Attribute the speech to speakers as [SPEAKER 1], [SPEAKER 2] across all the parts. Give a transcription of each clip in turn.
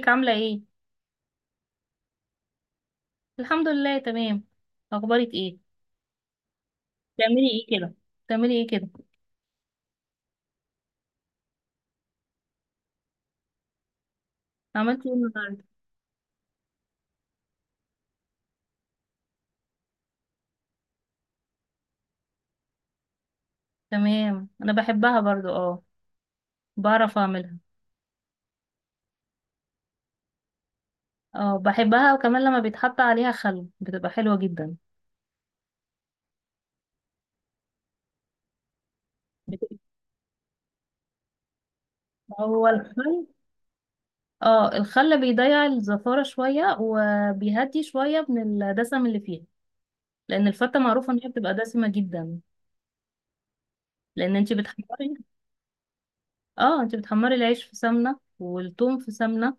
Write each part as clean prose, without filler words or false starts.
[SPEAKER 1] ازيك عاملة ايه؟ الحمد لله تمام. اخبارك ايه؟ بتعملي ايه كده؟ بتعملي ايه كده؟ عملتي ايه النهاردة؟ تمام، انا بحبها برضو، اه بعرف اعملها. اه بحبها، وكمان لما بيتحط عليها خل بتبقى حلوة جدا. بتبقى- هو الخل، اه الخل بيضيع الزفارة شوية وبيهدي شوية من الدسم اللي فيها، لان الفتة معروفة ان هي بتبقى دسمة جدا. لان انت بتحمري. اه انت بتحمري العيش في سمنة والثوم في سمنة،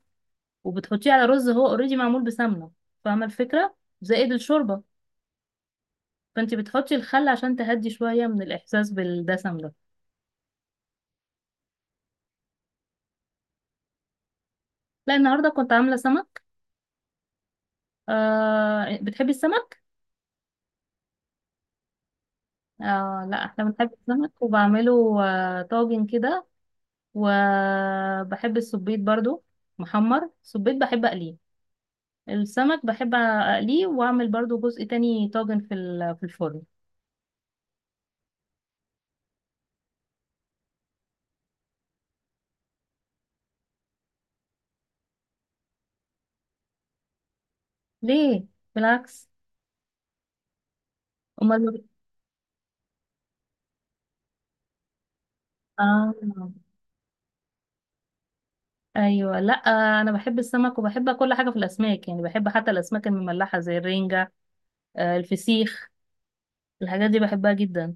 [SPEAKER 1] وبتحطيه على رز هو اوريدي معمول بسمنه. فاهمه الفكره؟ زائد الشوربه. فانت بتحطي الخل عشان تهدي شويه من الاحساس بالدسم ده. لا، النهارده كنت عامله سمك. آه بتحبي السمك؟ آه لا، احنا بنحب السمك، وبعمله آه طاجن كده. وبحب السبيط برضو، محمر. السبيط بحب اقليه، السمك بحب اقليه، واعمل برضو جزء تاني طاجن في الفرن. ليه؟ بالعكس. امال. آه. ايوه، لا انا بحب السمك، وبحب كل حاجه في الاسماك، يعني بحب حتى الاسماك المملحه زي الرنجه، الفسيخ، الحاجات دي بحبها جدا.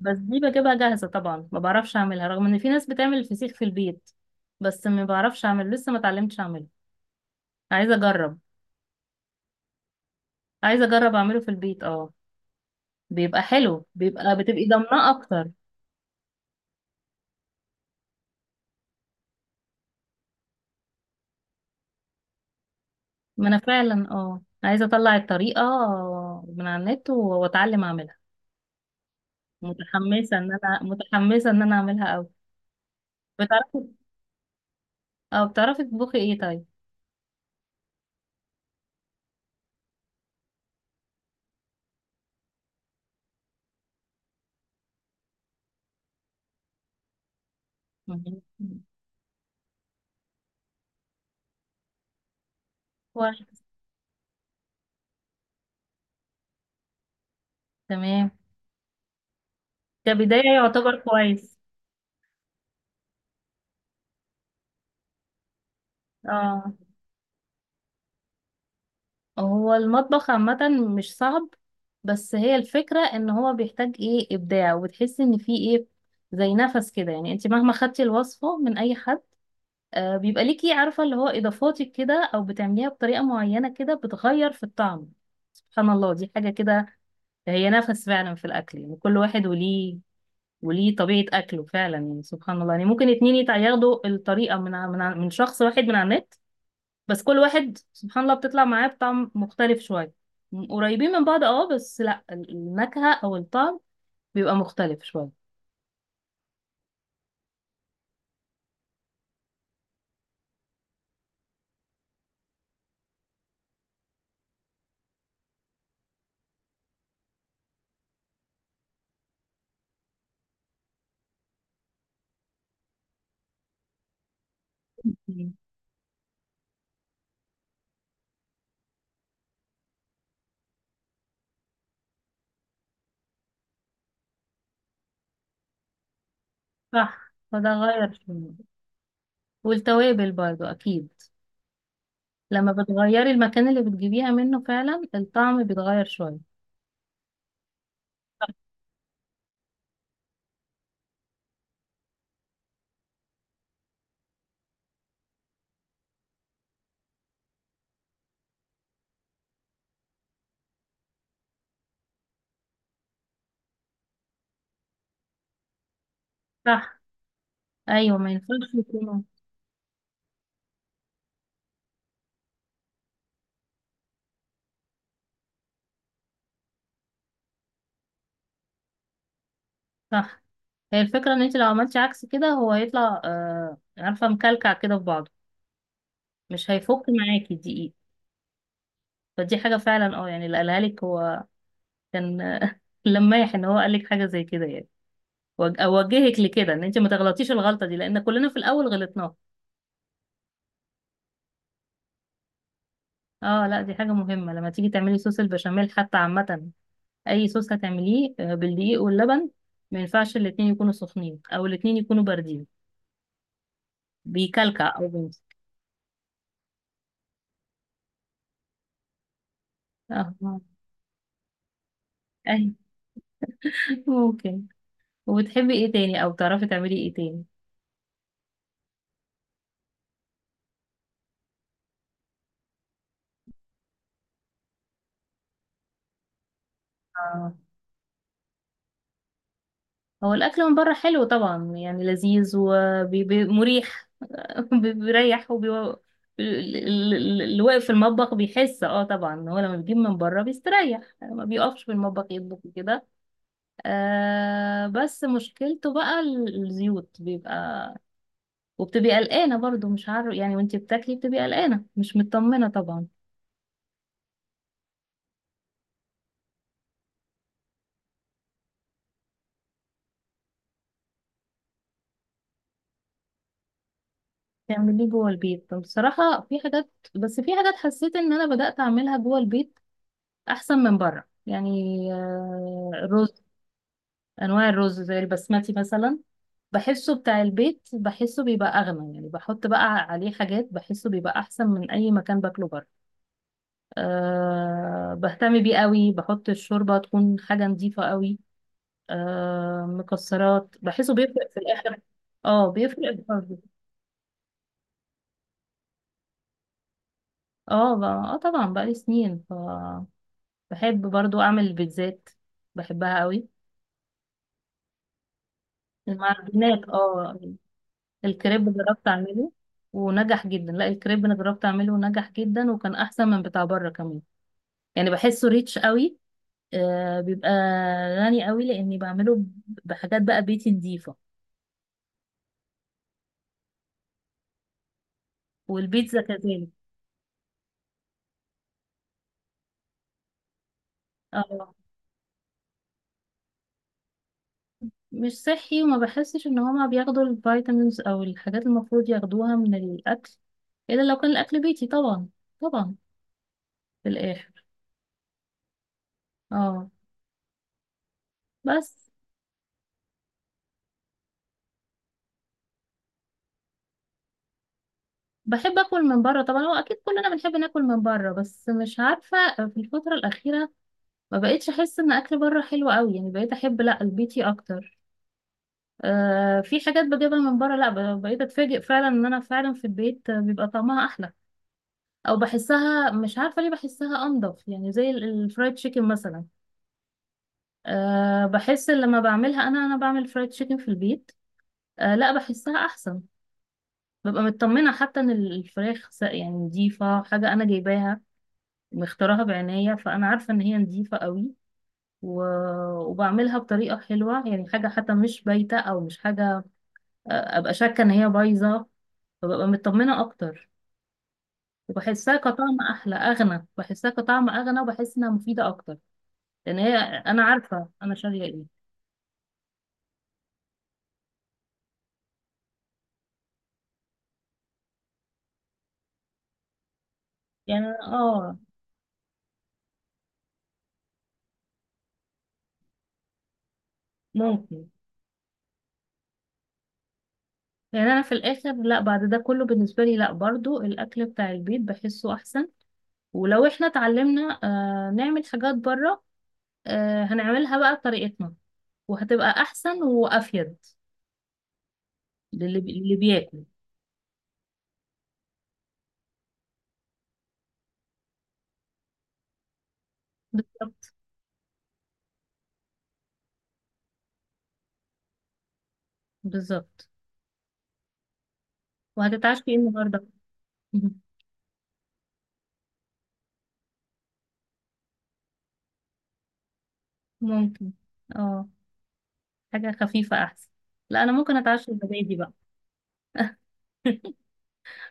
[SPEAKER 1] بس دي بجيبها جاهزه طبعا، ما بعرفش اعملها، رغم ان في ناس بتعمل الفسيخ في البيت. بس ما بعرفش اعمله، لسه ما اتعلمتش اعمله. عايزه اجرب. عايزه اجرب اعمله في البيت، اه. بيبقى حلو، بتبقي ضامناه اكتر. ما انا فعلا اه عايزه اطلع الطريقه من على واتعلم اعملها. متحمسه ان انا متحمسه ان انا اعملها قوي. بتعرفي أو بتعرفي تطبخي إيه طيب؟ مم. كويس، تمام، كبداية يعتبر كويس. اه هو المطبخ عامة مش صعب، بس هي الفكرة ان هو بيحتاج ايه ابداع، وبتحسي ان فيه ايه زي نفس كده. يعني انت مهما خدتي الوصفة من اي حد، آه بيبقى ليكي عارفة اللي هو اضافاتك كده، او بتعمليها بطريقة معينة كده بتغير في الطعم. سبحان الله دي حاجة كده، هي نفس فعلا في الاكل. يعني كل واحد وليه طبيعة أكله فعلا، يعني سبحان الله. يعني ممكن اتنين ياخدوا الطريقة من شخص واحد من على النت، بس كل واحد سبحان الله بتطلع معاه بطعم مختلف شوية. قريبين من بعض اه، بس لا النكهة أو الطعم بيبقى مختلف شوية. مم. صح، فده غير شوية. والتوابل برضو أكيد، لما بتغيري المكان اللي بتجيبيها منه فعلا الطعم بيتغير شوية. صح. أيوة ما ينفعش يكونوا. صح، هي الفكرة إن أنت لو عملتي عكس كده هو هيطلع آه عارفة مكلكع كده في بعضه، مش هيفك معاكي دقيقة. فدي حاجة فعلا اه، يعني اللي قالها لك هو كان لمايح ان هو قال لك حاجة زي كده، يعني اوجهك لكده ان انت ما تغلطيش الغلطة دي، لان كلنا في الاول غلطناها. اه لا دي حاجة مهمة لما تيجي تعملي صوص البشاميل حتى، عامة اي صوص هتعمليه بالدقيق واللبن، ما ينفعش الاتنين يكونوا سخنين او الاتنين يكونوا باردين، بيكلكع او بيمسك. اه اي ممكن. وبتحبي ايه تاني او بتعرفي تعملي ايه تاني؟ هو الأكل من بره حلو طبعا، يعني لذيذ ومريح. بيريح اللي واقف في المطبخ بيحس اه طبعا إن هو لما بيجيب من بره بيستريح، يعني ما بيقفش في المطبخ يطبخ كده. آه بس مشكلته بقى الزيوت بيبقى، وبتبقي قلقانة برضو، مش عارف يعني وانتي بتاكلي بتبقي قلقانة مش مطمنة طبعا. تعمليه جوه البيت، طب بصراحة في حاجات، في حاجات حسيت ان انا بدأت اعملها جوه البيت احسن من بره، يعني الرز، انواع الرز زي البسمتي مثلا، بحسه بتاع البيت بحسه بيبقى اغنى. يعني بحط بقى عليه حاجات بحسه بيبقى احسن من اي مكان باكله بره. أه بهتم بيه قوي، بحط الشوربه تكون حاجه نظيفه قوي، أه مكسرات، بحسه بيفرق في الاخر. اه بيفرق في برضه. اه اه طبعا بقالي سنين. ف بحب برضو اعمل البيتزات، بحبها قوي. المعجنات اه، الكريب جربت اعمله ونجح جدا. لا الكريب انا جربت اعمله ونجح جدا، وكان احسن من بتاع بره كمان. يعني بحسه ريتش قوي، آه بيبقى غني قوي، لاني بعمله بحاجات بقى بيتي نظيفه. والبيتزا كذلك. اه مش صحي، وما بحسش ان هما بياخدوا الفيتامينز او الحاجات المفروض ياخدوها من الاكل، الا لو كان الاكل بيتي طبعا. طبعا في الاخر. اه بس بحب اكل من بره طبعا، هو اكيد كلنا بنحب ناكل من بره، بس مش عارفه في الفتره الاخيره ما بقيتش احس ان اكل بره حلو قوي، يعني بقيت احب لا البيتي اكتر. آه في حاجات بجيبها من بره لا، بقيت اتفاجئ فعلا ان انا فعلا في البيت بيبقى طعمها احلى، او بحسها مش عارفه ليه بحسها انضف. يعني زي الفرايد تشيكن مثلا، آه بحس إن لما بعملها انا بعمل فرايد تشيكن في البيت، آه لا بحسها احسن. ببقى مطمنه حتى ان الفراخ يعني نضيفه، حاجه انا جايباها مختارها بعناية، فأنا عارفة إن هي نضيفة قوي. وبعملها بطريقة حلوة، يعني حاجة حتى مش بايتة أو مش حاجة أبقى شاكة إن هي بايظة، فببقى مطمنة أكتر. وبحسها كطعم أحلى أغنى، بحسها كطعم أغنى، وبحس إنها مفيدة أكتر، لأن هي أنا عارفة أنا شارية إيه. يعني أنا- آه ممكن. يعني أنا في الآخر لا، بعد ده كله بالنسبة لي لا برضو الأكل بتاع البيت بحسه أحسن، ولو إحنا اتعلمنا آه نعمل حاجات بره آه هنعملها بقى بطريقتنا، وهتبقى أحسن وأفيد للي بياكل. بالظبط. بالظبط. وهتتعشي ايه النهارده؟ مهم. ممكن. اه حاجة خفيفة أحسن. لا أنا ممكن أتعشى زبادي بقى.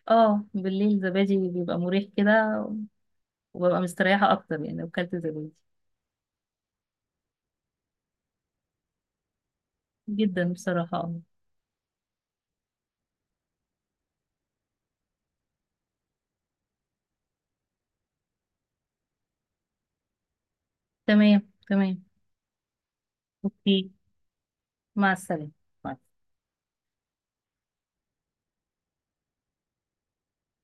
[SPEAKER 1] اه بالليل زبادي بيبقى مريح كده، وببقى مستريحة أكتر يعني لو كلت زبادي. جدا بصراحة اه. تمام تمام. أوكي، مع السلامة. باي.